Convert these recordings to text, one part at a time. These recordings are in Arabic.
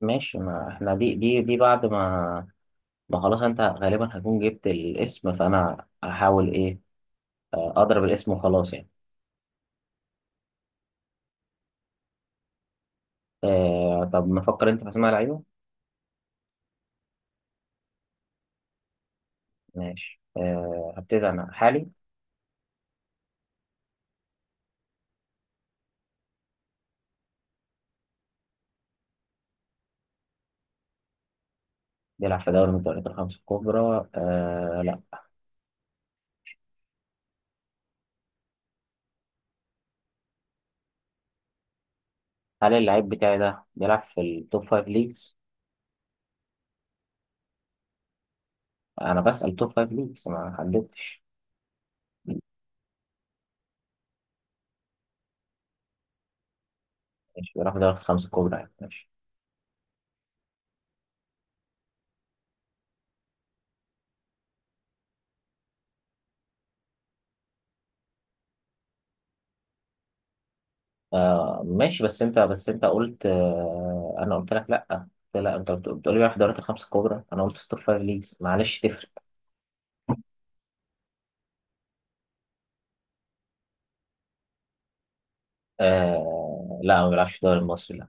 ماشي، ما احنا دي بعد ما خلاص انت غالبا هتكون جبت الاسم، فانا هحاول ايه. اضرب الاسم وخلاص يعني. طب نفكر انت في اسماء لعيبه. ماشي. هبتدي انا حالي. بيلعب في دوري من الدوريات الخمسه الكبرى؟ آه، لا. هل اللعيب بتاعي ده بيلعب في التوب فايف ليجز؟ انا بسأل توب فايف ليجز، ما حددتش. ماشي، بيلعب في دوري الخمسه الكبرى يعني، ماشي. ماشي، بس انت قلت انا قلت لك لا. قلت لا، انت بتقول لي بيلعب في الدوريات الخمس الكبرى، انا قلت ستور فايف ليجز، معلش تفرق. آه، لا، ما بيلعبش في الدوري المصري، لا.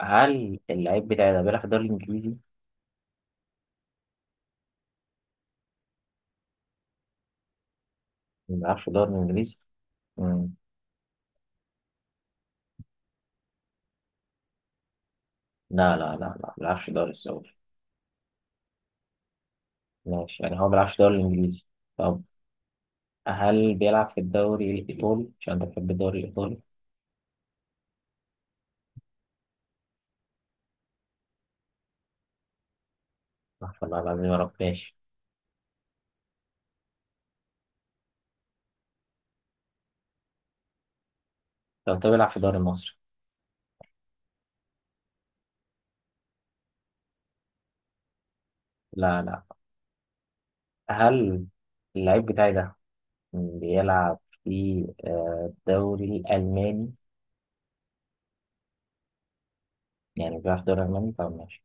هل اللعيب بتاعي ده بيلعب في الدوري الانجليزي؟ ما بيلعبش في الدوري الانجليزي؟ مم. لا، لا، لا، لا، ما بيلعبش في الدوري السعودي. ماشي يعني، هو ما بيلعبش في الدوري الانجليزي. طب، هل بيلعب في الدوري الايطالي؟ عشان انت بتحب الدوري الايطالي؟ استغفر الله العظيم يا رب، ماشي. طب انت، بيلعب في الدوري المصري؟ لا، لا. هل اللعيب بتاعي ده بيلعب في الدوري الألماني؟ يعني بيلعب في الدوري الألماني، طب ماشي.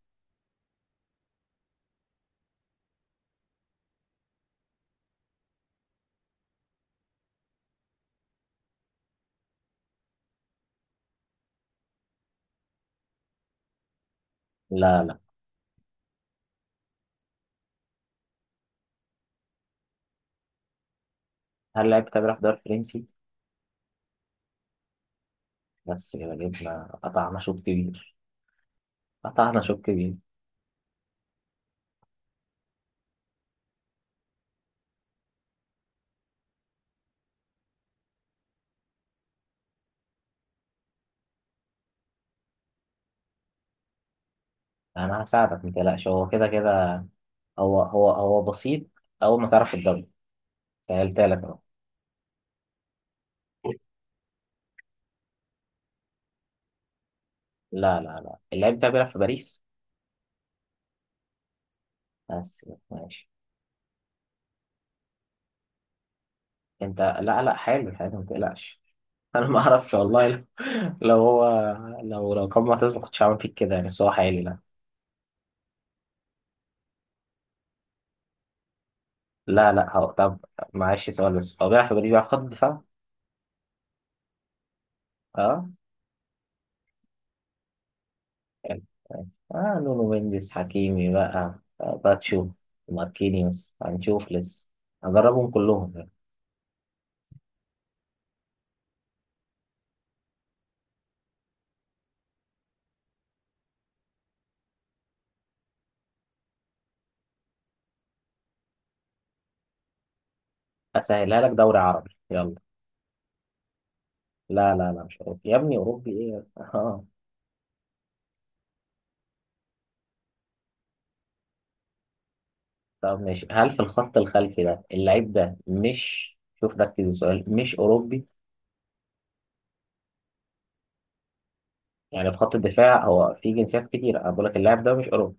لا، لا. هل لعب كده بيلعب في الدوري الفرنسي؟ بس كده جبنا، قطعنا شوط كبير، قطعنا شوط كبير. أنا هساعدك متقلقش، هو كده كده، هو بسيط. أول ما تعرف الدوري، سهلتها لك أهو. لا، لا، لا، اللاعب ده بيلعب في باريس. بس كده، ماشي. أنت، لا، لا، حلو حلو، متقلقش. أنا ما أعرفش والله، لو لو هو، لو كان معتز ما كنتش هعمل فيك كده يعني، بس هو حالي لا. لا، لا، هو طب، معلش سؤال بس، هو بيلعب في باريس، بيلعب خط دفاع؟ اه، يعني اه. نونو، مندس، حكيمي بقى، باتشو، ماركينيوس، هنشوف لسه، هجربهم كلهم يعني. اسهلها لك، دوري عربي، يلا. لا، لا، لا، مش اوروبي يا ابني، اوروبي ايه اه طب ماشي، هل في الخط الخلفي ده اللعيب ده مش، شوف ركز السؤال، مش اوروبي. يعني في خط الدفاع هو، في جنسيات كتير، انا بقول لك اللاعب ده مش اوروبي.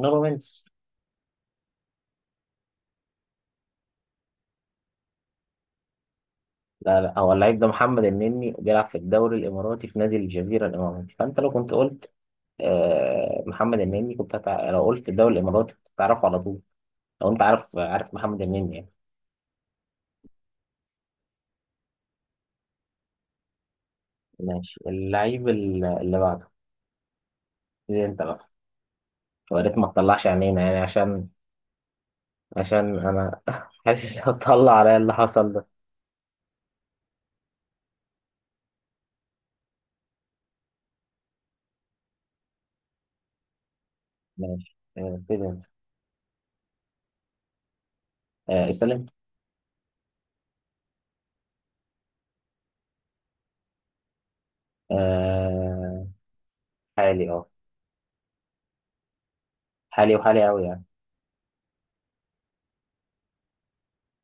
نونو مندس. لا، لا، هو اللعيب ده محمد النني، بيلعب في الدوري الاماراتي في نادي الجزيره الاماراتي. فانت لو كنت قلت محمد النني كنت لو قلت الدوري الاماراتي كنت هتعرفه على طول. لو انت عارف، عارف محمد النني يعني. ماشي، اللعيب اللي بعده، دي انت بقى، يا ريت ما تطلعش عينينا يعني، عشان انا حاسس هتطلع عليا اللي حصل ده. ماشي. كده انت. استلم. آه حالي اه، حالي وحالي قوي يعني.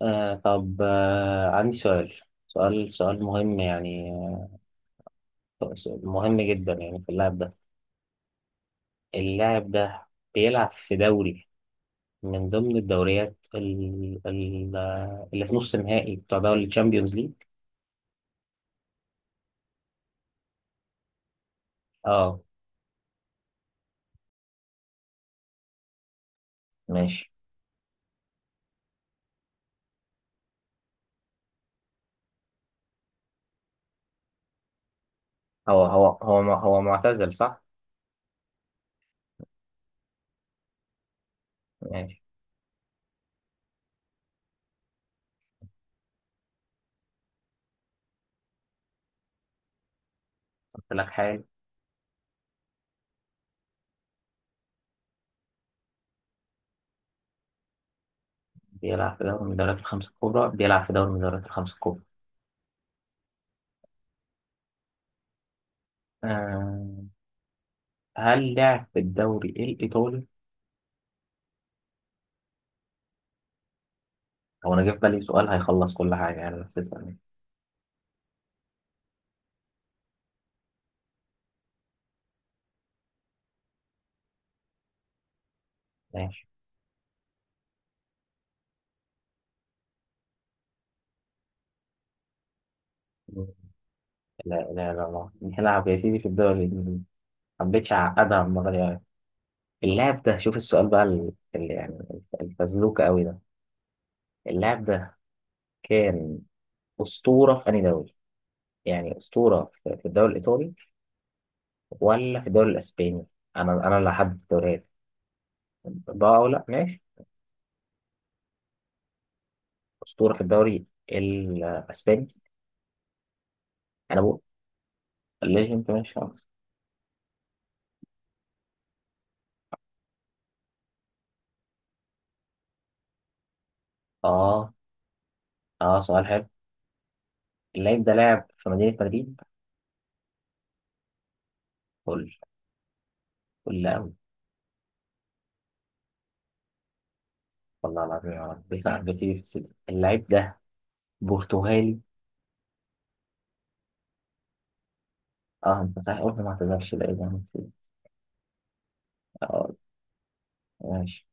طب، عندي سؤال، سؤال مهم يعني، مهم جدا يعني. في اللاعب ده، اللاعب ده بيلعب في دوري من ضمن الدوريات اللي في نص النهائي بتاع دوري الشامبيونز ليج. اه ماشي. هو معتزل، صح؟ ماشي، قلت لك حال. بيلعب في دوري من الدوريات الخمسة الكبرى، بيلعب في دوري من الدوريات الخمسة الكبرى. آه. هل لعب في الدوري الإيطالي؟ هو أنا جه في بالي سؤال هيخلص كل حاجة يعني، بس اسألني. ماشي. لا، لا، لا، لا، بيلعب يا سيدي في الدوري الإنجليزي، حبيتش أعقدها المرة دي. اللاعب ده، شوف السؤال بقى اللي يعني الفزلوكة قوي ده. اللاعب ده كان أسطورة في أنهي دوري؟ يعني أسطورة في الدوري الإيطالي، ولا في الدوري الإسباني؟ أنا اللي هحدد الدوريات بقى، أو لأ، ماشي. أسطورة في الدوري الإسباني، أنا بقول. ليه أنت؟ ماشي خلاص. آه، آه، سؤال حلو. اللاعب ده لاعب في مدينة مدريد؟ قول، قول قوي. والله العظيم يا رب بيقع بتيجي في السجن، اللاعب ده برتغالي؟ آه، أنت صحيح قلت، ما اعتذرش، لا إيه ده، أنا نسيت. اه ماشي.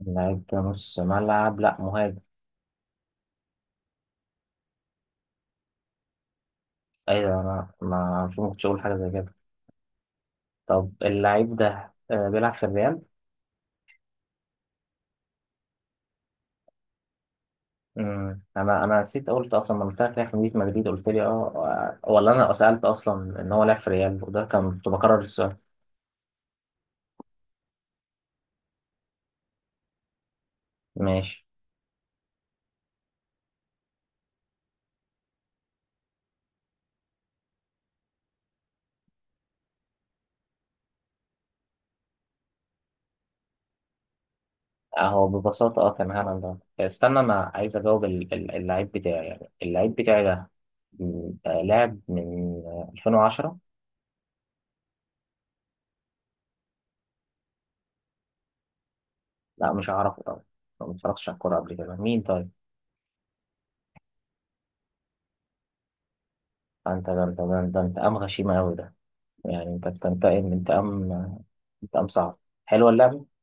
لعيب نص ملعب؟ لا، مهاجم. ايوه انا، ما مش ممكن اقول حاجه زي كده. طب اللعيب ده بيلعب في الريال. مم. انا نسيت، قلت اصلا لما بتاعك لعب في مدينه مدريد قلت لي اه. ولا انا سالت اصلا ان هو لعب في الريال وده كان كنت بكرر السؤال؟ ماشي، اهو ببساطه كان هالاند. ده استنى، انا عايز اجاوب اللعيب بتاعي يعني، اللعيب بتاعي ده لعب من 2010. لا، مش هعرفه طبعا، ما اتفرجتش على الكوره قبل كده، مين طيب؟ انت انتقام غشيم قوي ده، يعني انت بتنتقم انتقام، انتقام صعب. حلوه اللعبه.